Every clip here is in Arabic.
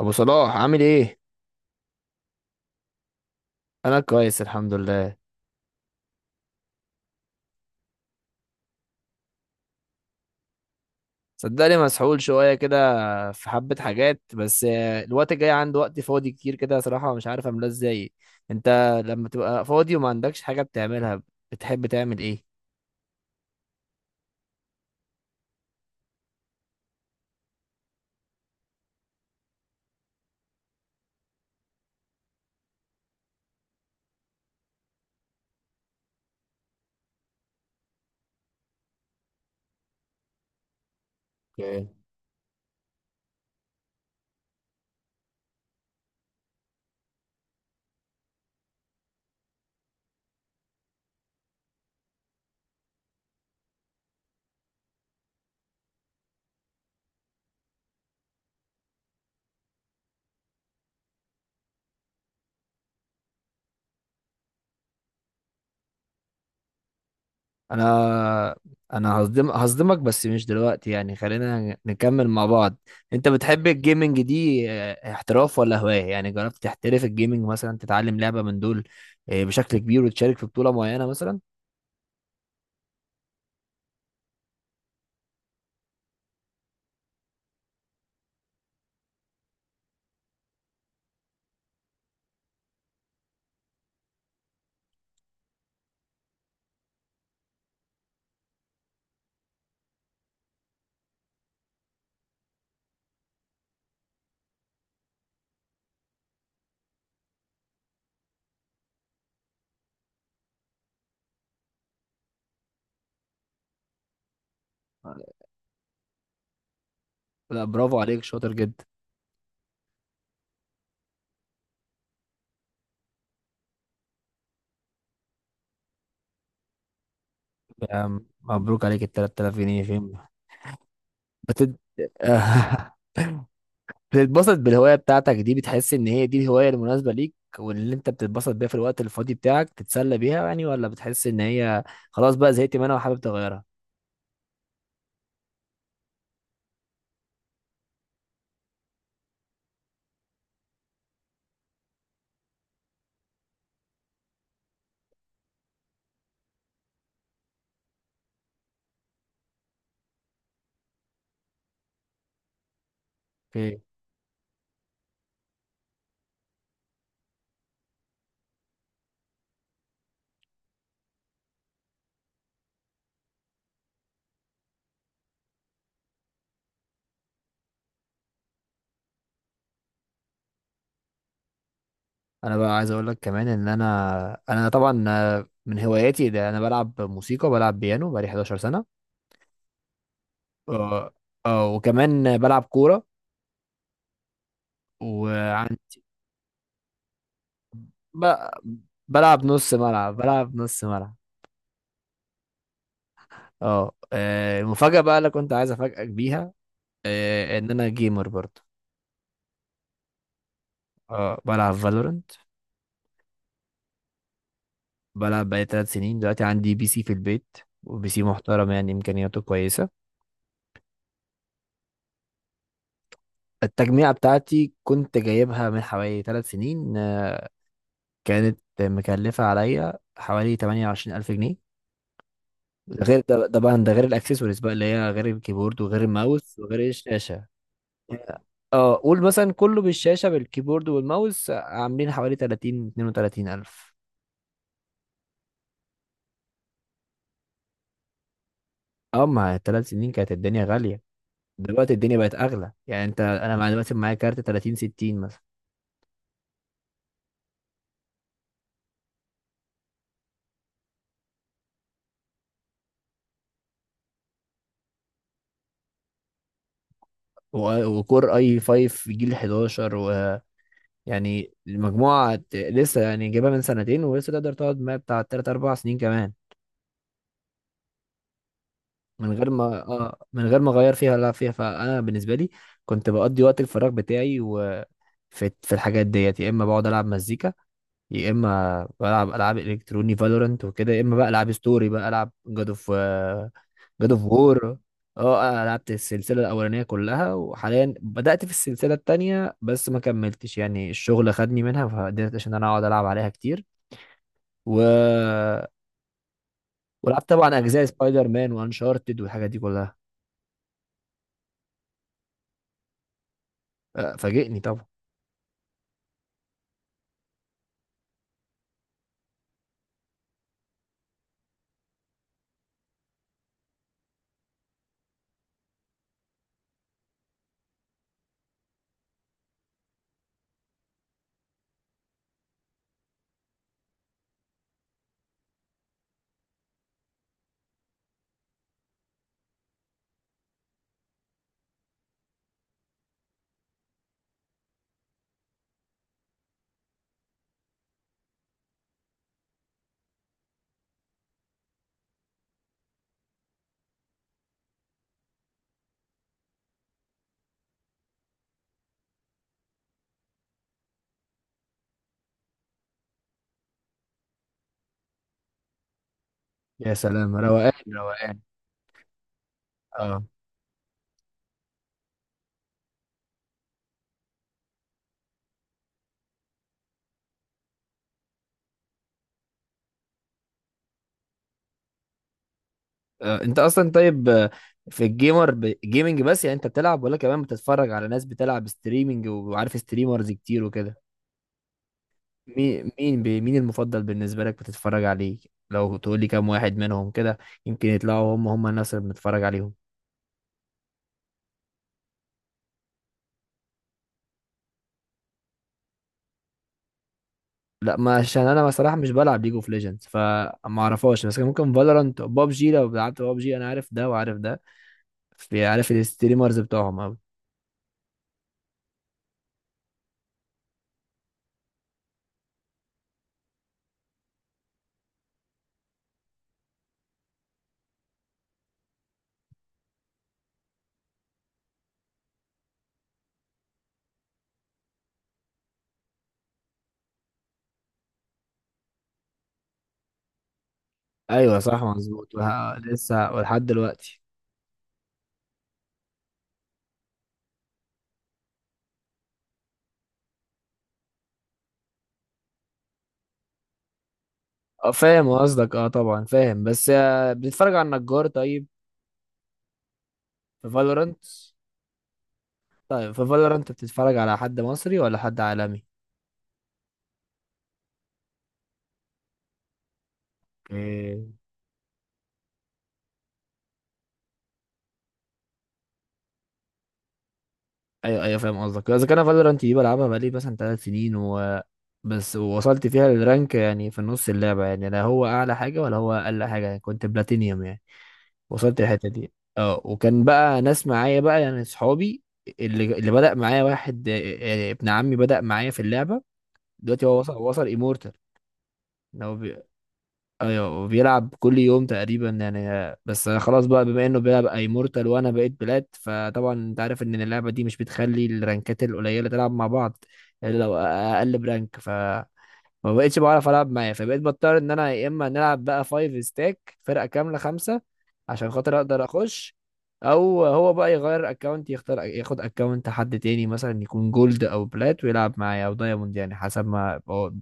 ابو صلاح عامل ايه؟ انا كويس الحمد لله. صدقني، مسحول شويه كده. في حبه حاجات بس الوقت الجاي عندي وقت فاضي كتير كده صراحه مش عارف املاه ازاي. انت، لما تبقى فاضي وما عندكش حاجه بتعملها، بتحب تعمل ايه؟ اوكي. انا انا هصدمك بس مش دلوقتي، يعني خلينا نكمل مع بعض. انت بتحب الجيمنج دي احتراف ولا هواية؟ يعني جربت تحترف الجيمنج مثلا، تتعلم لعبة من دول بشكل كبير وتشارك في بطولة معينة مثلا؟ لا، برافو عليك، شاطر جدا. يا عم، مبروك، عليك ال 3000 جنيه فين؟ بتد... بتتبسط بالهواية بتاعتك دي؟ بتحس ان هي دي الهواية المناسبة ليك، واللي انت بتتبسط بيها في الوقت الفاضي بتاعك تتسلى بيها يعني؟ ولا بتحس ان هي خلاص بقى زهقت منها وحابب تغيرها؟ اوكي. انا بقى عايز اقول لك كمان، ان انا طبعا، من هواياتي ده انا بلعب موسيقى، بلعب بيانو بقالي 11 سنة. اه. وكمان بلعب كورة، وعندي ب- بلعب نص ملعب، بلعب نص ملعب. اه. المفاجأة بقى اللي كنت عايز افاجئك بيها، ان انا جيمر برضه. اه، بلعب فالورنت. بلعب بقالي 3 سنين. دلوقتي عندي بي سي في البيت، وبي سي محترم يعني، امكانياته كويسة. التجميعة بتاعتي كنت جايبها من حوالي 3 سنين. كانت مكلفة عليا حوالي 28000 جنيه. ده غير، ده طبعا ده غير الاكسسوارز بقى اللي هي غير الكيبورد وغير الماوس وغير الشاشة. اه. قول مثلا كله بالشاشة بالكيبورد والماوس عاملين حوالي 30 32000. اه، ما 3 سنين كانت الدنيا غالية. دلوقتي الدنيا بقت اغلى يعني، انت، انا مثلا معايا كارت 30 60 مثلا. وكور اي 5 جيل 11. ويعني المجموعة، لسه يعني جايبها من سنتين، ولسه تقدر تقعد معايا بتاع 3 4 سنين كمان. من غير ما اغير فيها ولا فيها. فانا بالنسبة لي كنت بقضي وقت الفراغ بتاعي، وفي الحاجات ديت، يا اما بقعد العب مزيكا، يا اما بلعب العاب الكتروني فالورنت وكده، يا اما بقى العب ستوري، بقى العب جاد اوف وور. اه، انا لعبت السلسله الاولانيه كلها، وحاليا بدات في السلسله التانية بس ما كملتش، يعني الشغل خدني منها فقدرت عشان انا اقعد العب عليها كتير، و ولعبت طبعا اجزاء سبايدر مان وانشارتد والحاجات دي كلها. فاجئني طبعا. يا سلام، روقان روقان. اه. انت اصلا طيب. في الجيمر جيمنج بس، يعني انت بتلعب ولا كمان بتتفرج على ناس بتلعب ستريمنج، وعارف ستريمرز كتير وكده؟ مين المفضل بالنسبة لك بتتفرج عليه؟ لو تقول لي كام واحد منهم كده، يمكن يطلعوا هم هم الناس اللي بنتفرج عليهم. لا، ما عشان انا بصراحة مش بلعب ليج اوف ليجندز فما اعرفهاش، بس كان ممكن فالورانت، بابجي، لو لعبت بابجي انا عارف ده وعارف ده. في، عارف الستريمرز بتوعهم أوي. ايوه، صح مظبوط، لسه ولحد دلوقتي. اه فاهم قصدك، اه طبعا فاهم، بس بتتفرج على النجار؟ طيب في فالورانت. طيب في فالورانت بتتفرج على حد مصري ولا حد عالمي؟ ايوه، ايوه، فاهم قصدك. اذا كان فالورانت دي بلعبها بقالي مثلا 3 سنين، و بس وصلت فيها للرانك يعني في النص اللعبه، يعني لا هو اعلى حاجه ولا هو اقل حاجه، يعني كنت بلاتينيوم يعني، وصلت الحته دي. اه، وكان بقى ناس معايا بقى يعني اصحابي، اللي بدأ معايا واحد، ابن عمي بدأ معايا في اللعبه. دلوقتي هو وصل ايمورتال. ايوه، وبيلعب كل يوم تقريبا يعني. بس خلاص بقى، بما انه بيلعب اي مورتال وانا بقيت بلاد، فطبعا انت عارف ان اللعبه دي مش بتخلي الرانكات القليله تلعب مع بعض الا لو اقل برانك، ف ما بقتش بعرف العب معاه، فبقيت بضطر ان انا يا اما نلعب بقى فايف ستاك فرقه كامله 5، عشان خاطر اقدر اخش. او هو بقى يغير اكونت، يختار ياخد اكونت حد تاني مثلا يكون جولد او بلات ويلعب معايا او دايموند يعني حسب ما هو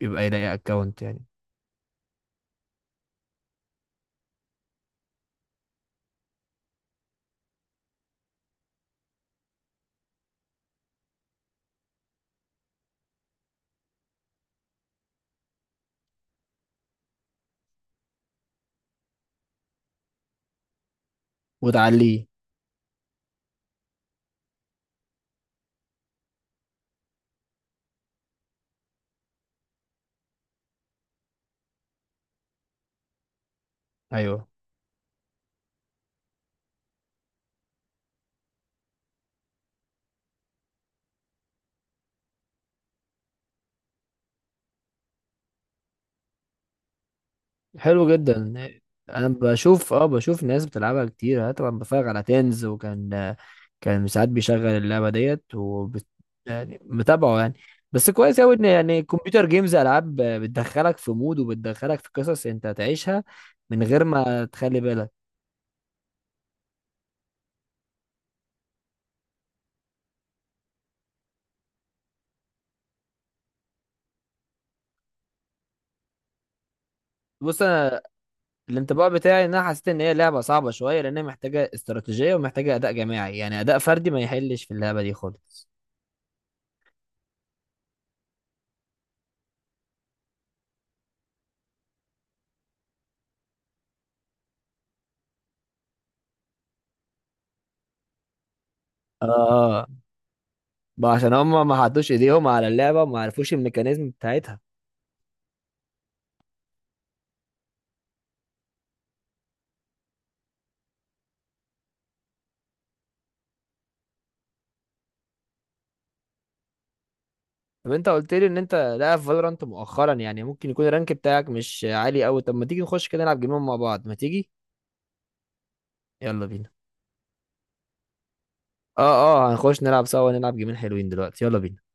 يبقى يلاقي اكونت يعني. وتعليه. ايوه. حلو جدا. انا بشوف ناس بتلعبها كتير، انا طبعا بتفرج على تنز، وكان ساعات بيشغل اللعبه ديت يعني متابعه يعني. بس كويس قوي ان يعني كمبيوتر جيمز العاب بتدخلك في مود وبتدخلك في قصص انت هتعيشها من غير ما تخلي بالك. بص، انا الانطباع بتاعي ان انا حسيت ان هي لعبه صعبه شويه لان هي محتاجه استراتيجيه ومحتاجه اداء جماعي، يعني اداء فردي ما يحلش في اللعبه دي خالص. اه، ما عشان هم ما حطوش ايديهم على اللعبه وما عرفوش الميكانيزم بتاعتها. طب انت قلت لي ان انت لاعب فالورانت مؤخرا، يعني ممكن يكون الرانك بتاعك مش عالي قوي. طب ما تيجي نخش كده نلعب جيمين مع بعض؟ ما تيجي؟ يلا بينا. اه، اه، هنخش نلعب سوا، نلعب جيمين حلوين دلوقتي. يلا بينا.